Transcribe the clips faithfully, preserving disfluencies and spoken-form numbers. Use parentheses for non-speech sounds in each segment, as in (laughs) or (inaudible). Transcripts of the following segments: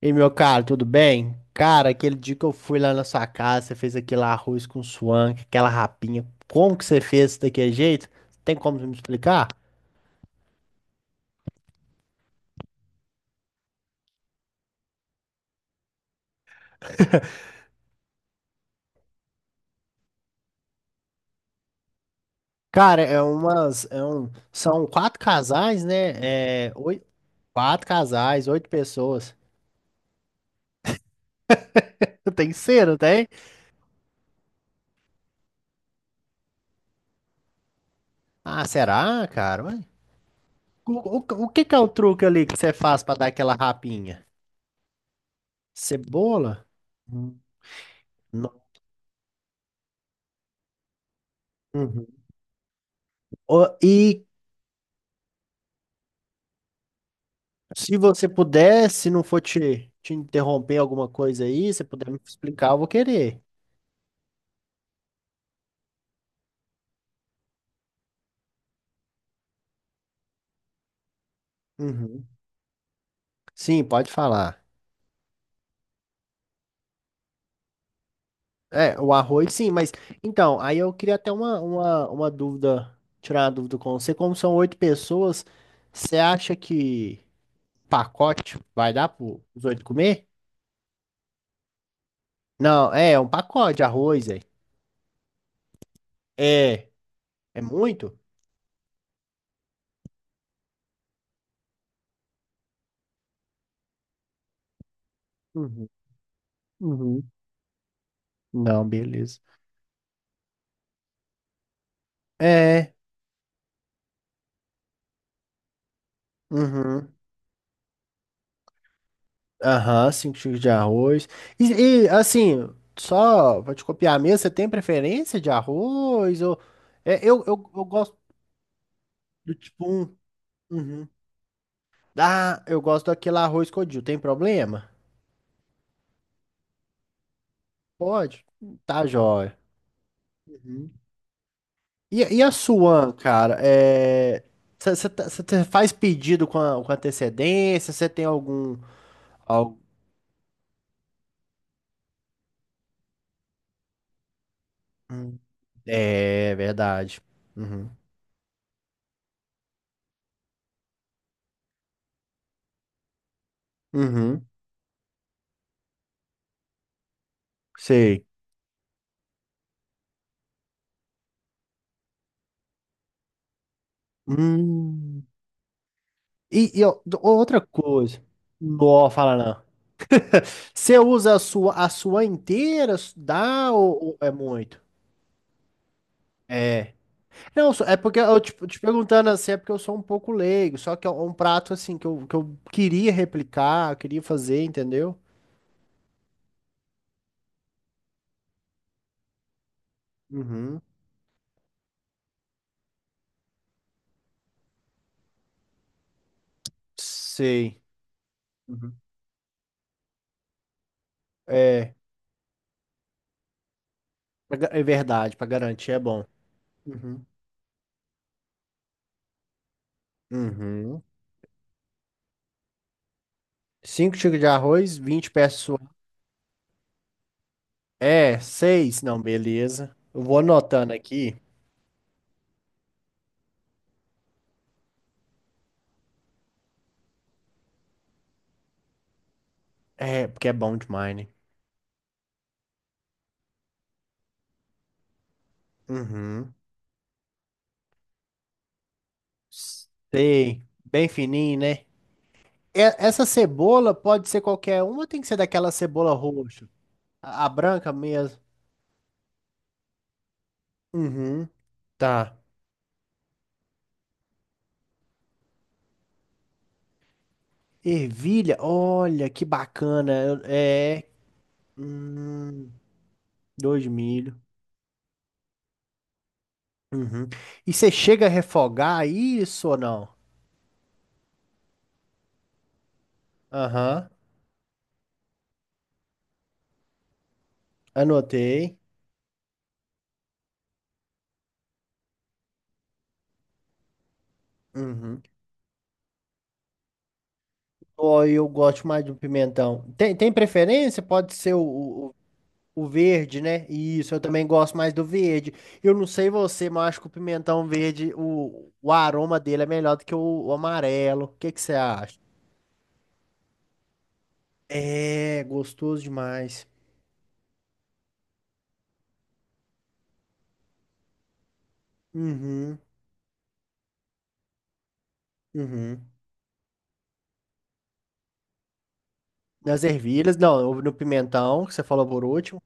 E meu caro, tudo bem? Cara, aquele dia que eu fui lá na sua casa, você fez aquele arroz com suã, com aquela rapinha. Como que você fez isso daquele jeito? Tem como me explicar? Cara, é umas, é um, são quatro casais, né? É, oito, quatro casais, oito pessoas. (laughs) Tem cera, não tem? Ah, será, cara? Ué, O, o, o que que é o truque ali que você faz pra dar aquela rapinha? Cebola? Hum. Não. Uhum. Ô, E Se você puder, se não for te, te interromper alguma coisa aí, você puder me explicar, eu vou querer. Uhum. Sim, pode falar. É, o arroz, sim, mas então, aí eu queria até uma, uma, uma dúvida, tirar uma dúvida com você. Como são oito pessoas, você acha que pacote vai dar para os oito comer? Não, é, é um pacote de arroz aí. É, é muito? Uhum, uhum. Não, beleza. É, uhum. Aham, cinco xícaras de arroz. E, e, assim, só pra te copiar mesmo, você tem preferência de arroz? Ou... É, eu, eu, eu gosto do tipo um. Uhum. Ah, eu gosto daquele arroz codil. Tem problema? Pode? Tá, jóia. Uhum. E, e a sua, cara? É... Você faz pedido com, a- com antecedência? Você tem algum, algum. É verdade. Uhum. Uhum. Sei. Hum. E, e ó, d- outra coisa. Não, fala não. Você usa a sua, a sua inteira? Dá ou, ou é muito? É. Não, só- é porque eu te, te perguntando assim, é porque eu sou um pouco leigo. Só que é um prato assim que eu, que eu queria replicar, eu queria fazer, entendeu? Uhum. Sei. Uhum. É, pra ga- é verdade, pra garantir é bom. Uhum. Uhum. Cinco xícaras de arroz, vinte peças. É, seis. Não, beleza. Eu vou anotando aqui. É, porque é bom demais, né? Uhum. Sei. Bem fininho, né? E- Essa cebola pode ser qualquer uma, ou tem que ser daquela cebola roxa. A, a branca mesmo. Uhum. Tá. Ervilha, olha que bacana. Eu- É. Hum, dois de milho. Uhum. E você chega a refogar isso ou não? Aham. Anotei. Uhum. Ou eu gosto mais de um pimentão. Tem, tem preferência? Pode ser o, o O verde, né? Isso, eu também gosto mais do verde. Eu não sei você, mas eu acho que o pimentão verde, o, o aroma dele é melhor do que o, o amarelo. O que que você acha? É, gostoso demais. Uhum, uhum. Nas ervilhas, não, no pimentão, que você falou por último.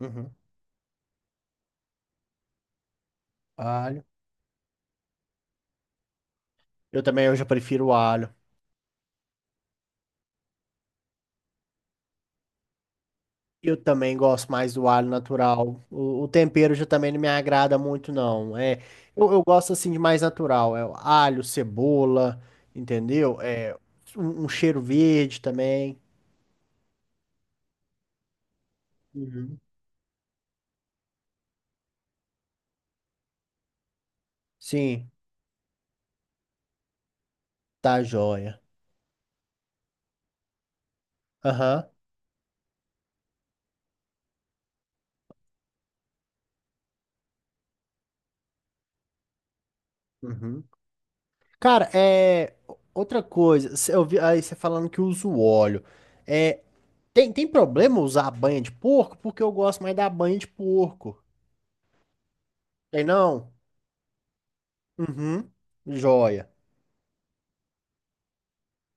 Uhum. Alho. Eu também, eu já prefiro o alho. Eu também gosto mais do alho natural. O, o tempero já também não me agrada muito, não. É, eu, eu gosto assim de mais natural. É o alho, cebola, entendeu? É um, um cheiro verde também. Uhum. Sim, tá joia. Aham. Uhum. Cara, é outra coisa. Cê- Eu vi aí você falando que usa o óleo. É, tem, tem problema usar a banha de porco? Porque eu gosto mais da banha de porco. Tem não? Uhum. Joia.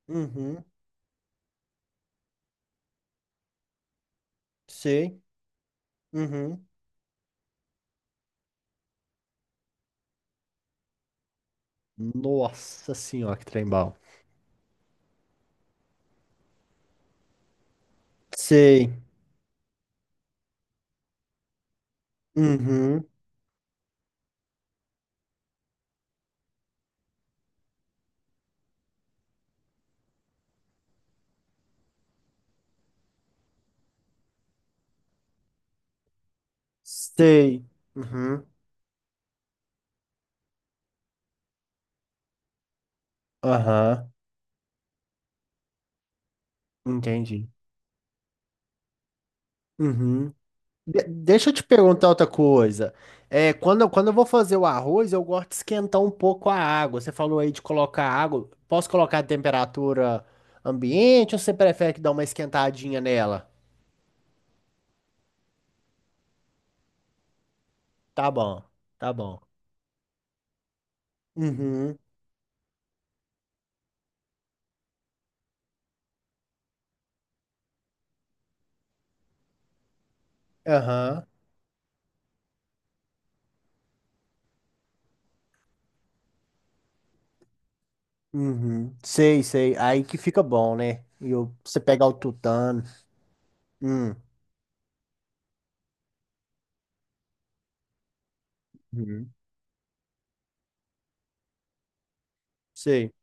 Uhum. Sei. Uhum. Nossa senhora, que trem bom. Sei. Uhum. Sei. Uhum. Aham. Entendi. Uhum. De- deixa eu te perguntar outra coisa. É, quando, eu- quando eu vou fazer o arroz, eu gosto de esquentar um pouco a água. Você falou aí de colocar água. Posso colocar a temperatura ambiente ou você prefere que dá uma esquentadinha nela? Tá bom. Tá bom. Uhum. Aham. Uhum. Sei, sei. Aí que fica bom, né? E eu- você pegar o tutano. Hum. Uhum. Sei,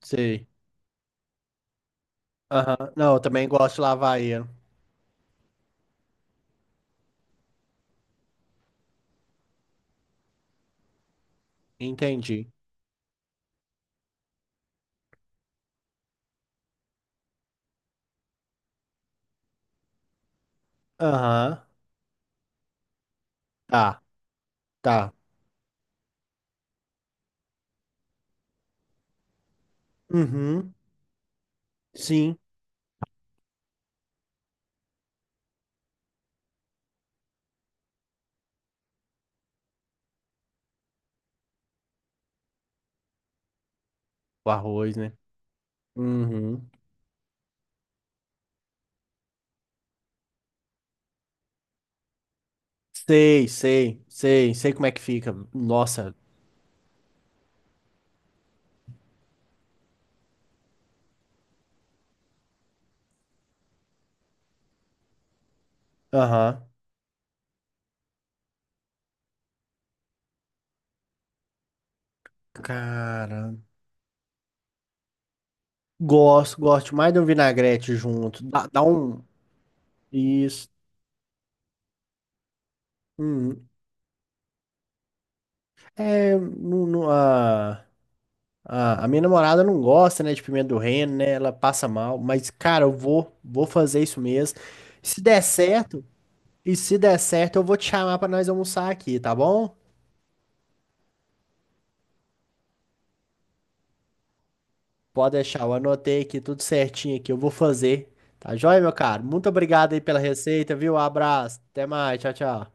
sei. Aham. Não, eu também gosto de lavar ele. Entendi. Aham. Tá, tá. Uhum. Sim. O arroz, né? Uhum. Sei, sei, sei. Sei como é que fica. Nossa. Aham. Cara. Gosto, gosto mais de um vinagrete junto. Dá, dá um. Isso. Hum. É. Não, não, ah. A, a minha namorada não gosta, né, de pimenta do reino, né? Ela passa mal, mas, cara, eu vou, vou fazer isso mesmo. Se der certo, e se der certo, eu vou te chamar pra nós almoçar aqui, tá bom? Pode deixar, eu anotei aqui tudo certinho aqui, eu vou fazer. Tá joia, meu caro? Muito obrigado aí pela receita, viu? Abraço, até mais, tchau, tchau.